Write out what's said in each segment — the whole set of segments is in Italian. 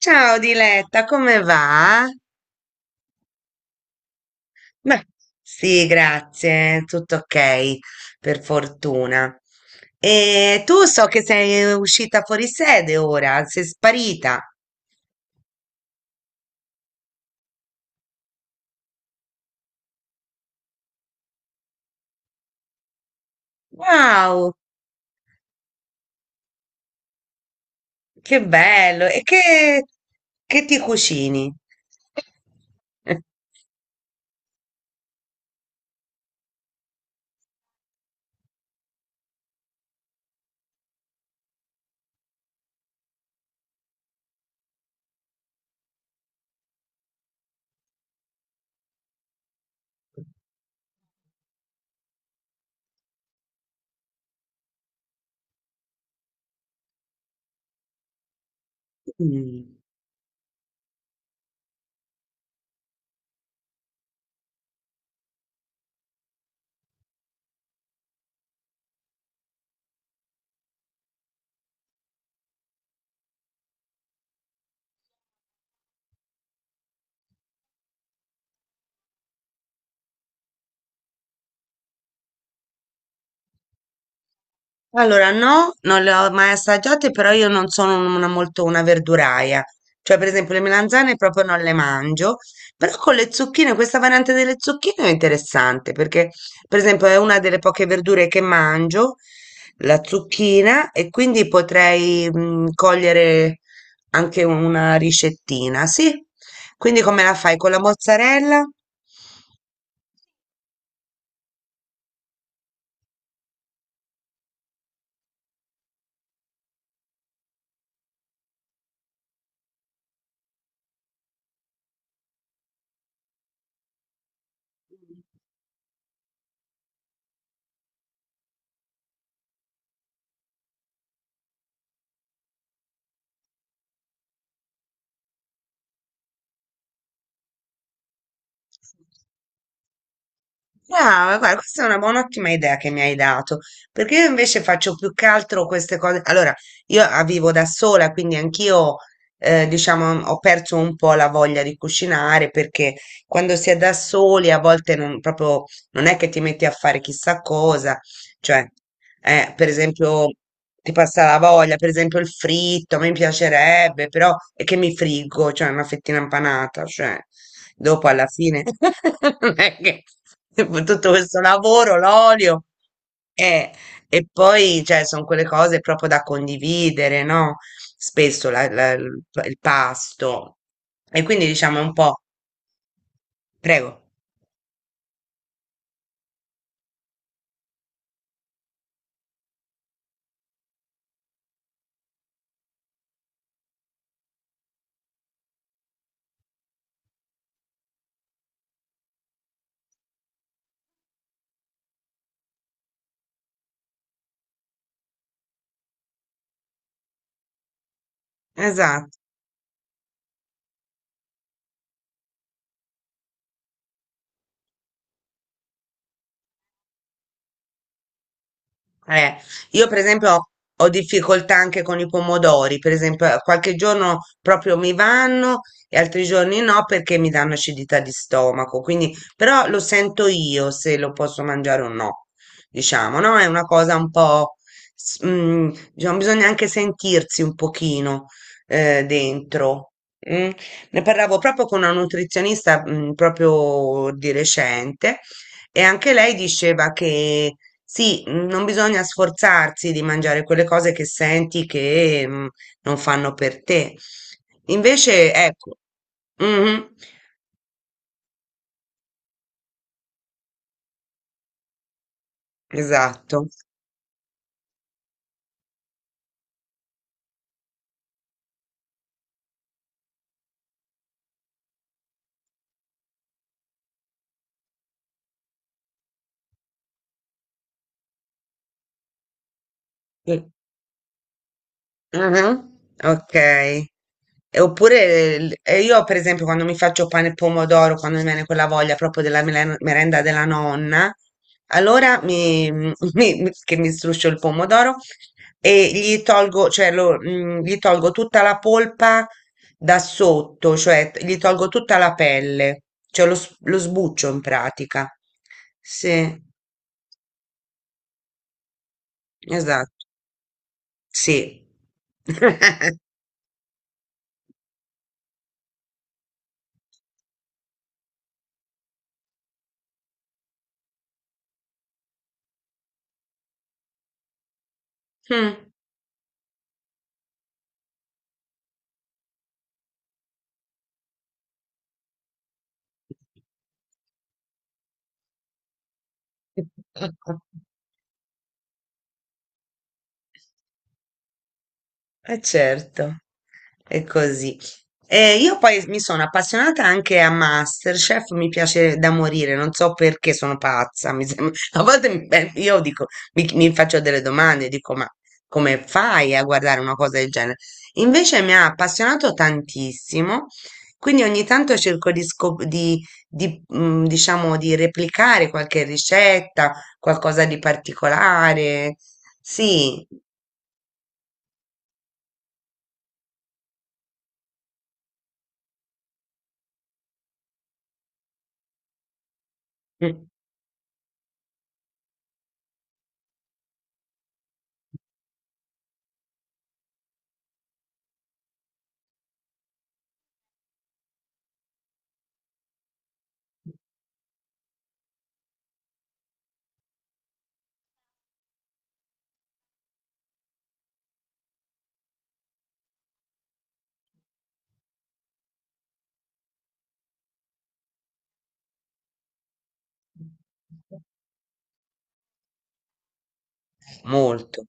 Ciao Diletta, come va? Beh, sì, grazie, tutto ok, per fortuna. E tu so che sei uscita fuori sede ora, sei sparita. Wow, che bello! Che ti cucini? Mm. Allora, no, non le ho mai assaggiate, però io non sono una, molto una verduraia. Cioè, per esempio, le melanzane proprio non le mangio, però con le zucchine, questa variante delle zucchine è interessante perché, per esempio, è una delle poche verdure che mangio, la zucchina, e quindi potrei cogliere anche una ricettina, sì? Quindi come la fai? Con la mozzarella? Brava, guarda, questa è una buona, ottima idea che mi hai dato, perché io invece faccio più che altro queste cose. Allora, io vivo da sola, quindi anch'io, diciamo, ho perso un po' la voglia di cucinare, perché quando si è da soli a volte non, proprio, non è che ti metti a fare chissà cosa, cioè per esempio, ti passa la voglia, per esempio il fritto, a me piacerebbe, però è che mi friggo, cioè una fettina impanata, cioè dopo alla fine non è che dopo tutto questo lavoro, l'olio eh, e poi cioè, sono quelle cose proprio da condividere, no? Spesso il pasto e quindi diciamo un po', prego, esatto. Eh, io per esempio ho difficoltà anche con i pomodori, per esempio qualche giorno proprio mi vanno e altri giorni no perché mi danno acidità di stomaco, quindi però lo sento io se lo posso mangiare o no, diciamo, no? È una cosa un po', diciamo, bisogna anche sentirsi un pochino dentro. Mm. Ne parlavo proprio con una nutrizionista proprio di recente e anche lei diceva che sì, non bisogna sforzarsi di mangiare quelle cose che senti che non fanno per te. Invece, ecco, mhm, esatto. Sì. Ah, ok. E oppure e io, per esempio, quando mi faccio pane e pomodoro, quando mi viene quella voglia proprio della merenda della nonna, allora mi, che mi struscio il pomodoro e gli tolgo, cioè gli tolgo tutta la polpa da sotto, cioè gli tolgo tutta la pelle, cioè lo, lo sbuccio in pratica. Sì, esatto, sì. Mm. Eh certo, è così. E io poi mi sono appassionata anche a MasterChef, mi piace da morire, non so perché sono pazza, mi sembra. A volte beh, io dico, mi faccio delle domande, dico, ma come fai a guardare una cosa del genere? Invece mi ha appassionato tantissimo, quindi ogni tanto cerco di, di, diciamo, di replicare qualche ricetta, qualcosa di particolare. Sì, mm, molto.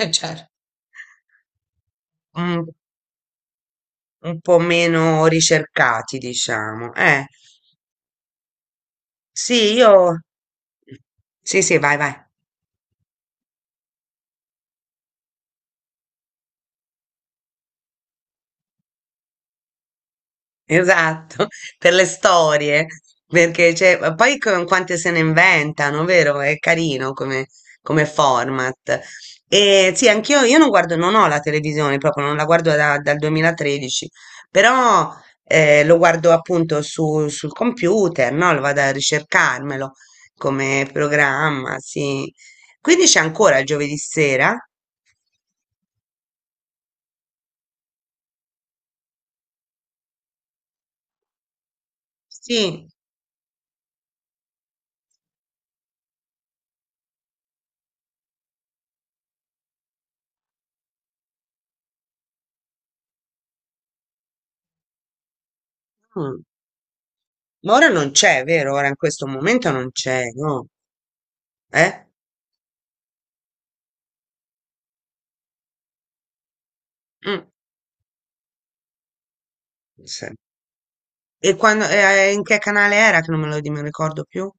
Certo. un, un po' meno ricercati, diciamo. Sì, io... Sì, sì, vai, vai. Esatto, per le storie, perché ma poi con quante se ne inventano, vero? Come format. E sì, anch'io io non guardo, non ho la televisione proprio, non la guardo dal 2013, però lo guardo appunto sul computer, no? Lo vado a ricercarmelo come programma, sì. Quindi c'è ancora il giovedì sera? Sì. Mm. Ma ora non c'è, vero? Ora in questo momento non c'è, no? Eh? Mh, sì. E quando e in che canale era che non me lo di me lo ricordo più?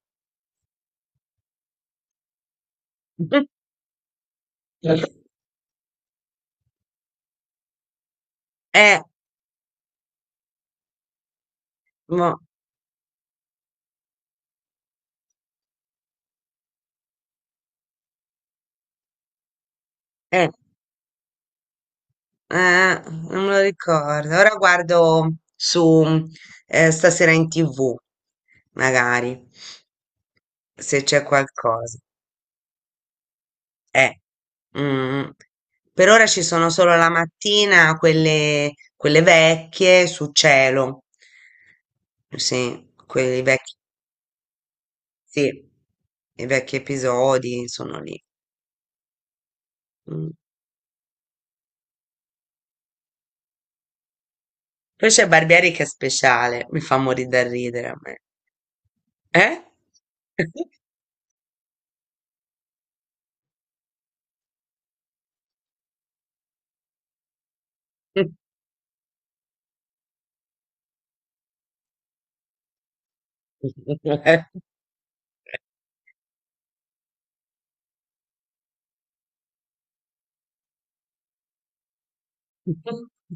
Eh, mo eh, eh, non me lo ricordo. Ora guardo su, Stasera in TV, magari, se c'è qualcosa. Eh, mh-mh. Per ora ci sono solo la mattina quelle vecchie su Cielo. Sì, quei vecchi sì, i vecchi episodi sono lì. Mh. Poi c'è Barbieri che è speciale, mi fa morire da ridere a me. Eh?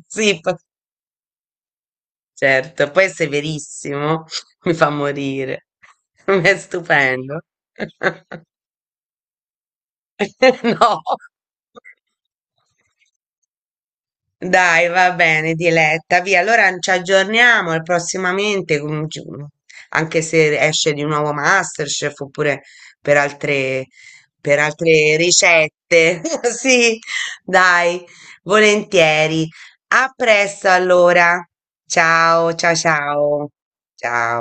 Sì, certo, poi è severissimo, mi fa morire. È stupendo. No. Dai, va bene, Diletta, via. Allora ci aggiorniamo e prossimamente, anche se esce di nuovo MasterChef oppure per altre, per altre ricette. Sì, dai, volentieri. A presto allora. Ciao, ciao, ciao. Ciao.